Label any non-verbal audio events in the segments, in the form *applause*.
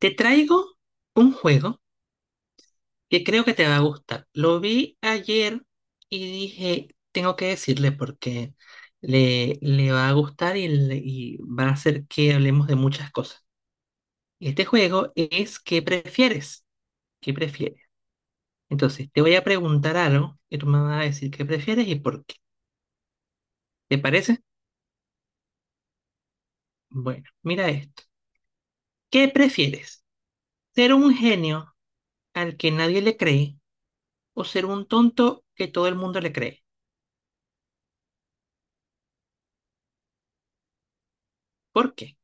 Te traigo un juego que creo que te va a gustar. Lo vi ayer y dije, tengo que decirle porque le va a gustar y, va a hacer que hablemos de muchas cosas. Este juego es ¿qué prefieres? ¿Qué prefieres? Entonces, te voy a preguntar algo y tú me vas a decir qué prefieres y por qué. ¿Te parece? Bueno, mira esto. ¿Qué prefieres? ¿Ser un genio al que nadie le cree o ser un tonto que todo el mundo le cree? ¿Por qué?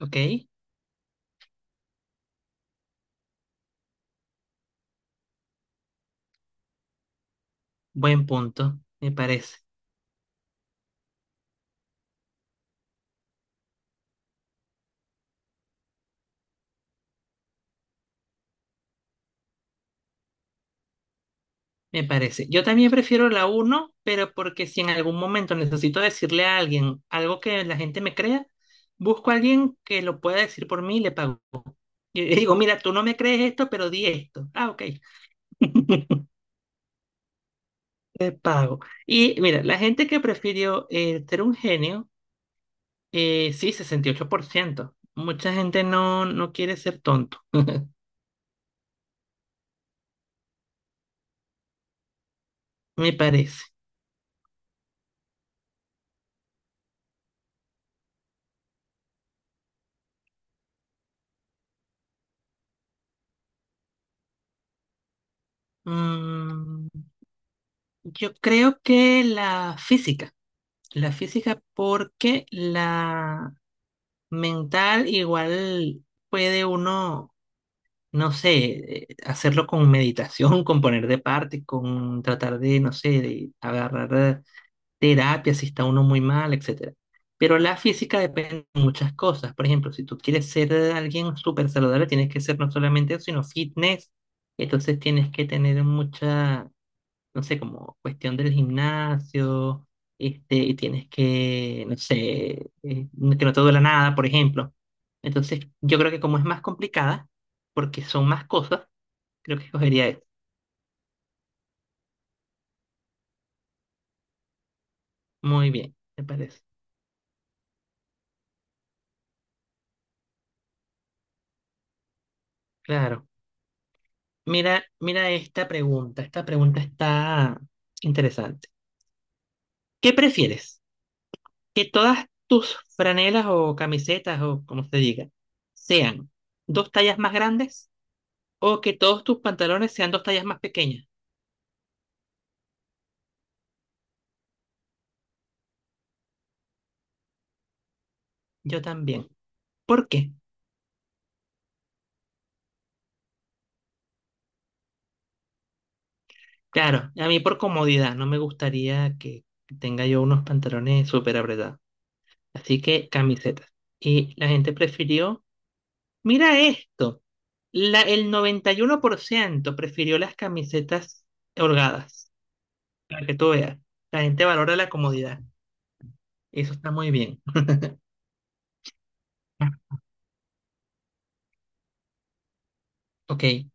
¿Ok? Buen punto, me parece. Yo también prefiero la uno pero porque si en algún momento necesito decirle a alguien algo que la gente me crea, busco a alguien que lo pueda decir por mí y le pago. *laughs* Y digo, mira, tú no me crees esto, pero di esto. Ah, ok. *laughs* Le pago. Y mira, la gente que prefirió ser un genio, sí, 68%. Mucha gente no quiere ser tonto. *laughs* Me parece. Mm, yo creo que la física. La física porque la mental igual puede uno, no sé, hacerlo con meditación, *laughs* con poner de parte, con tratar de, no sé, de agarrar terapia si está uno muy mal, etcétera. Pero la física depende de muchas cosas. Por ejemplo, si tú quieres ser alguien súper saludable, tienes que ser no solamente eso, sino fitness. Entonces tienes que tener mucha, no sé, como cuestión del gimnasio, este, y tienes que, no sé, que no te duela nada, por ejemplo. Entonces, yo creo que como es más complicada, porque son más cosas, creo que escogería eso. Muy bien, me parece. Claro. Mira esta pregunta. Esta pregunta está interesante. ¿Qué prefieres? ¿Que todas tus franelas o camisetas o como se diga sean dos tallas más grandes o que todos tus pantalones sean dos tallas más pequeñas? Yo también. ¿Por qué? Claro, a mí por comodidad, no me gustaría que tenga yo unos pantalones súper apretados. Así que camisetas. Y la gente prefirió, mira esto, el 91% prefirió las camisetas holgadas, para que tú veas. La gente valora la comodidad. Eso está muy bien. Ok.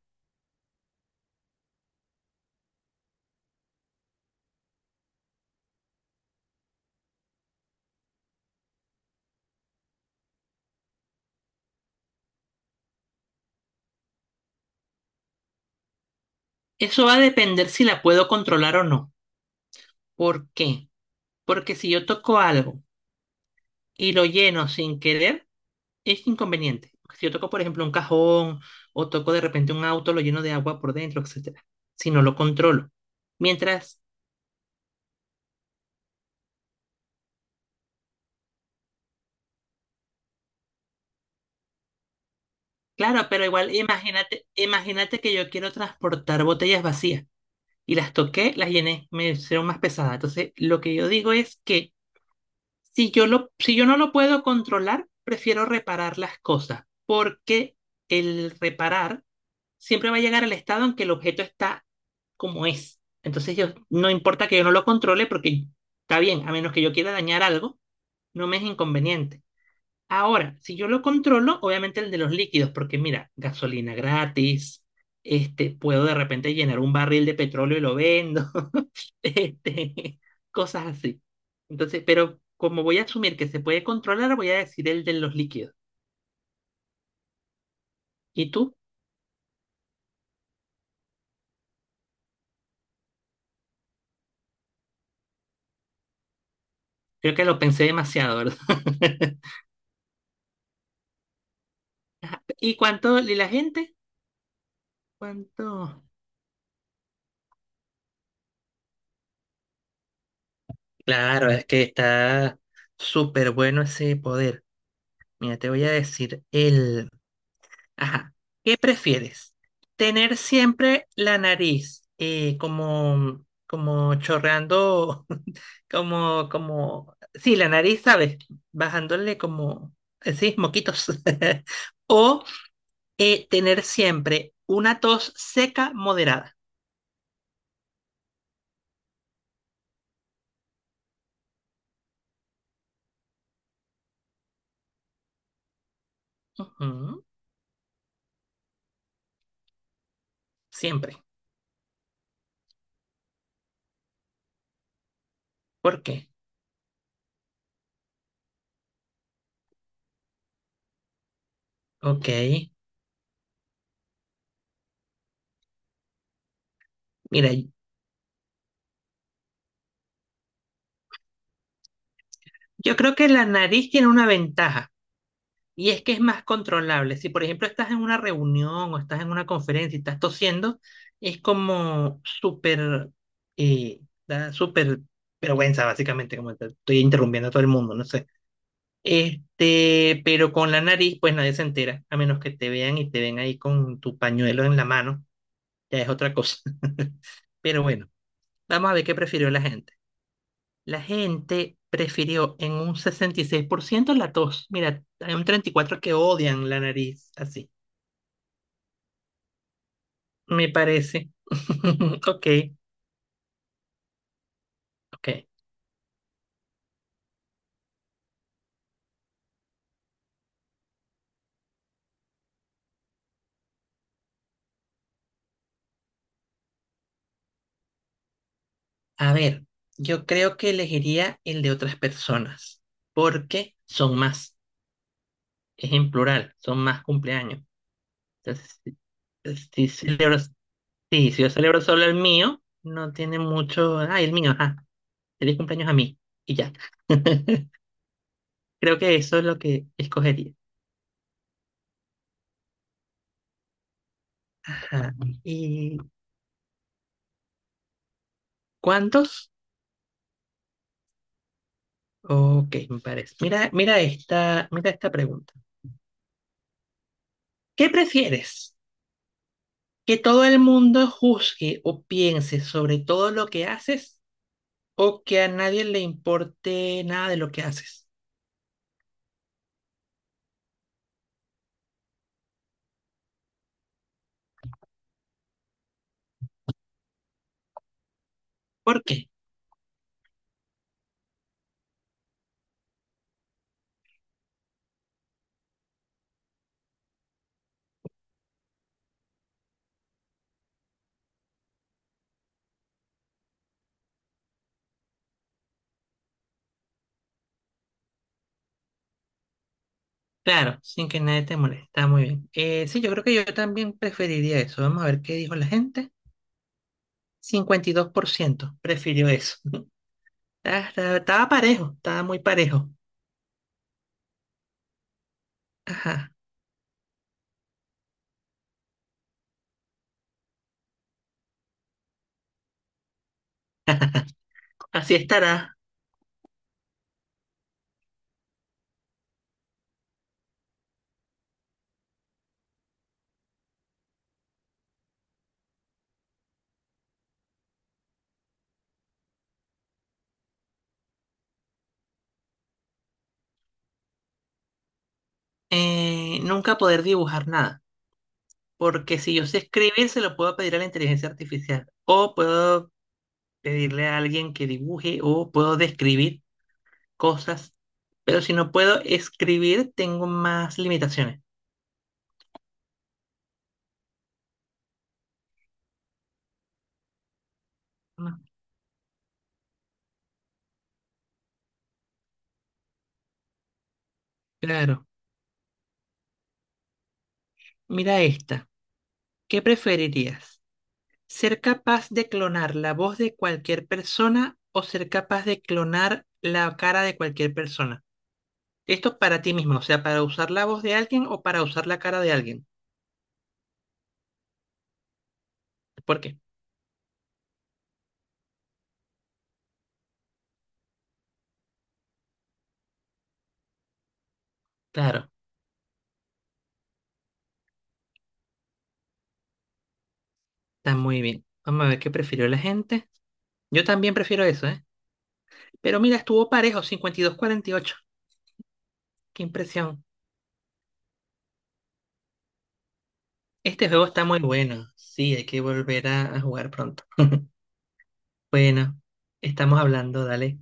Eso va a depender si la puedo controlar o no. ¿Por qué? Porque si yo toco algo y lo lleno sin querer, es inconveniente. Porque si yo toco, por ejemplo, un cajón o toco de repente un auto, lo lleno de agua por dentro, etcétera. Si no lo controlo. Mientras, claro, pero igual imagínate, imagínate que yo quiero transportar botellas vacías y las toqué, las llené, me hicieron más pesadas. Entonces, lo que yo digo es que si yo no lo puedo controlar, prefiero reparar las cosas, porque el reparar siempre va a llegar al estado en que el objeto está como es. Entonces yo, no importa que yo no lo controle porque está bien, a menos que yo quiera dañar algo, no me es inconveniente. Ahora, si yo lo controlo, obviamente el de los líquidos, porque mira, gasolina gratis, este, puedo de repente llenar un barril de petróleo y lo vendo, *laughs* este, cosas así. Entonces, pero como voy a asumir que se puede controlar, voy a decir el de los líquidos. ¿Y tú? Creo que lo pensé demasiado, ¿verdad? *laughs* ¿Y cuánto? ¿Y la gente? ¿Cuánto? Claro, es que está súper bueno ese poder. Mira, te voy a decir el... Ajá, ¿qué prefieres? ¿Tener siempre la nariz como, como chorreando, *laughs* como, como... Sí, la nariz, ¿sabes? Bajándole como... sí, moquitos. *laughs* O tener siempre una tos seca moderada. Ujú, siempre. ¿Por qué? Ok. Mira, yo creo que la nariz tiene una ventaja y es que es más controlable. Si, por ejemplo, estás en una reunión o estás en una conferencia y estás tosiendo, es como súper, eh, da súper vergüenza, básicamente, como estoy interrumpiendo a todo el mundo, no sé. Este, pero con la nariz, pues nadie se entera, a menos que te vean y te ven ahí con tu pañuelo en la mano, ya es otra cosa. *laughs* Pero bueno, vamos a ver qué prefirió la gente. La gente prefirió en un 66% la tos. Mira, hay un 34% que odian la nariz, así, me parece. *laughs* Ok, ok. A ver, yo creo que elegiría el de otras personas, porque son más, es en plural, son más cumpleaños. Entonces, si celebro, sí, si yo celebro solo el mío, no tiene mucho, ah, el mío, ajá, feliz cumpleaños a mí, y ya. *laughs* Creo que eso es lo que escogería. Ajá. ¿Y cuántos? Ok, me parece. Mira esta pregunta. ¿Qué prefieres? ¿Que todo el mundo juzgue o piense sobre todo lo que haces o que a nadie le importe nada de lo que haces? ¿Por qué? Claro, sin que nadie te moleste. Está muy bien. Sí, yo creo que yo también preferiría eso. Vamos a ver qué dijo la gente. 52% prefirió eso. *laughs* Estaba parejo, estaba muy parejo. Ajá. Así estará. Nunca poder dibujar nada, porque si yo sé escribir, se lo puedo pedir a la inteligencia artificial, o puedo pedirle a alguien que dibuje, o puedo describir cosas, pero si no puedo escribir, tengo más limitaciones. Ah, claro, mira esta. ¿Qué preferirías? ¿Ser capaz de clonar la voz de cualquier persona o ser capaz de clonar la cara de cualquier persona? Esto para ti mismo, o sea, para usar la voz de alguien o para usar la cara de alguien. ¿Por qué? Claro. Está muy bien. Vamos a ver qué prefirió la gente. Yo también prefiero eso, ¿eh? Pero mira, estuvo parejo, 52-48. Qué impresión. Este juego está muy bueno. Sí, hay que volver a jugar pronto. *laughs* Bueno, estamos hablando, dale.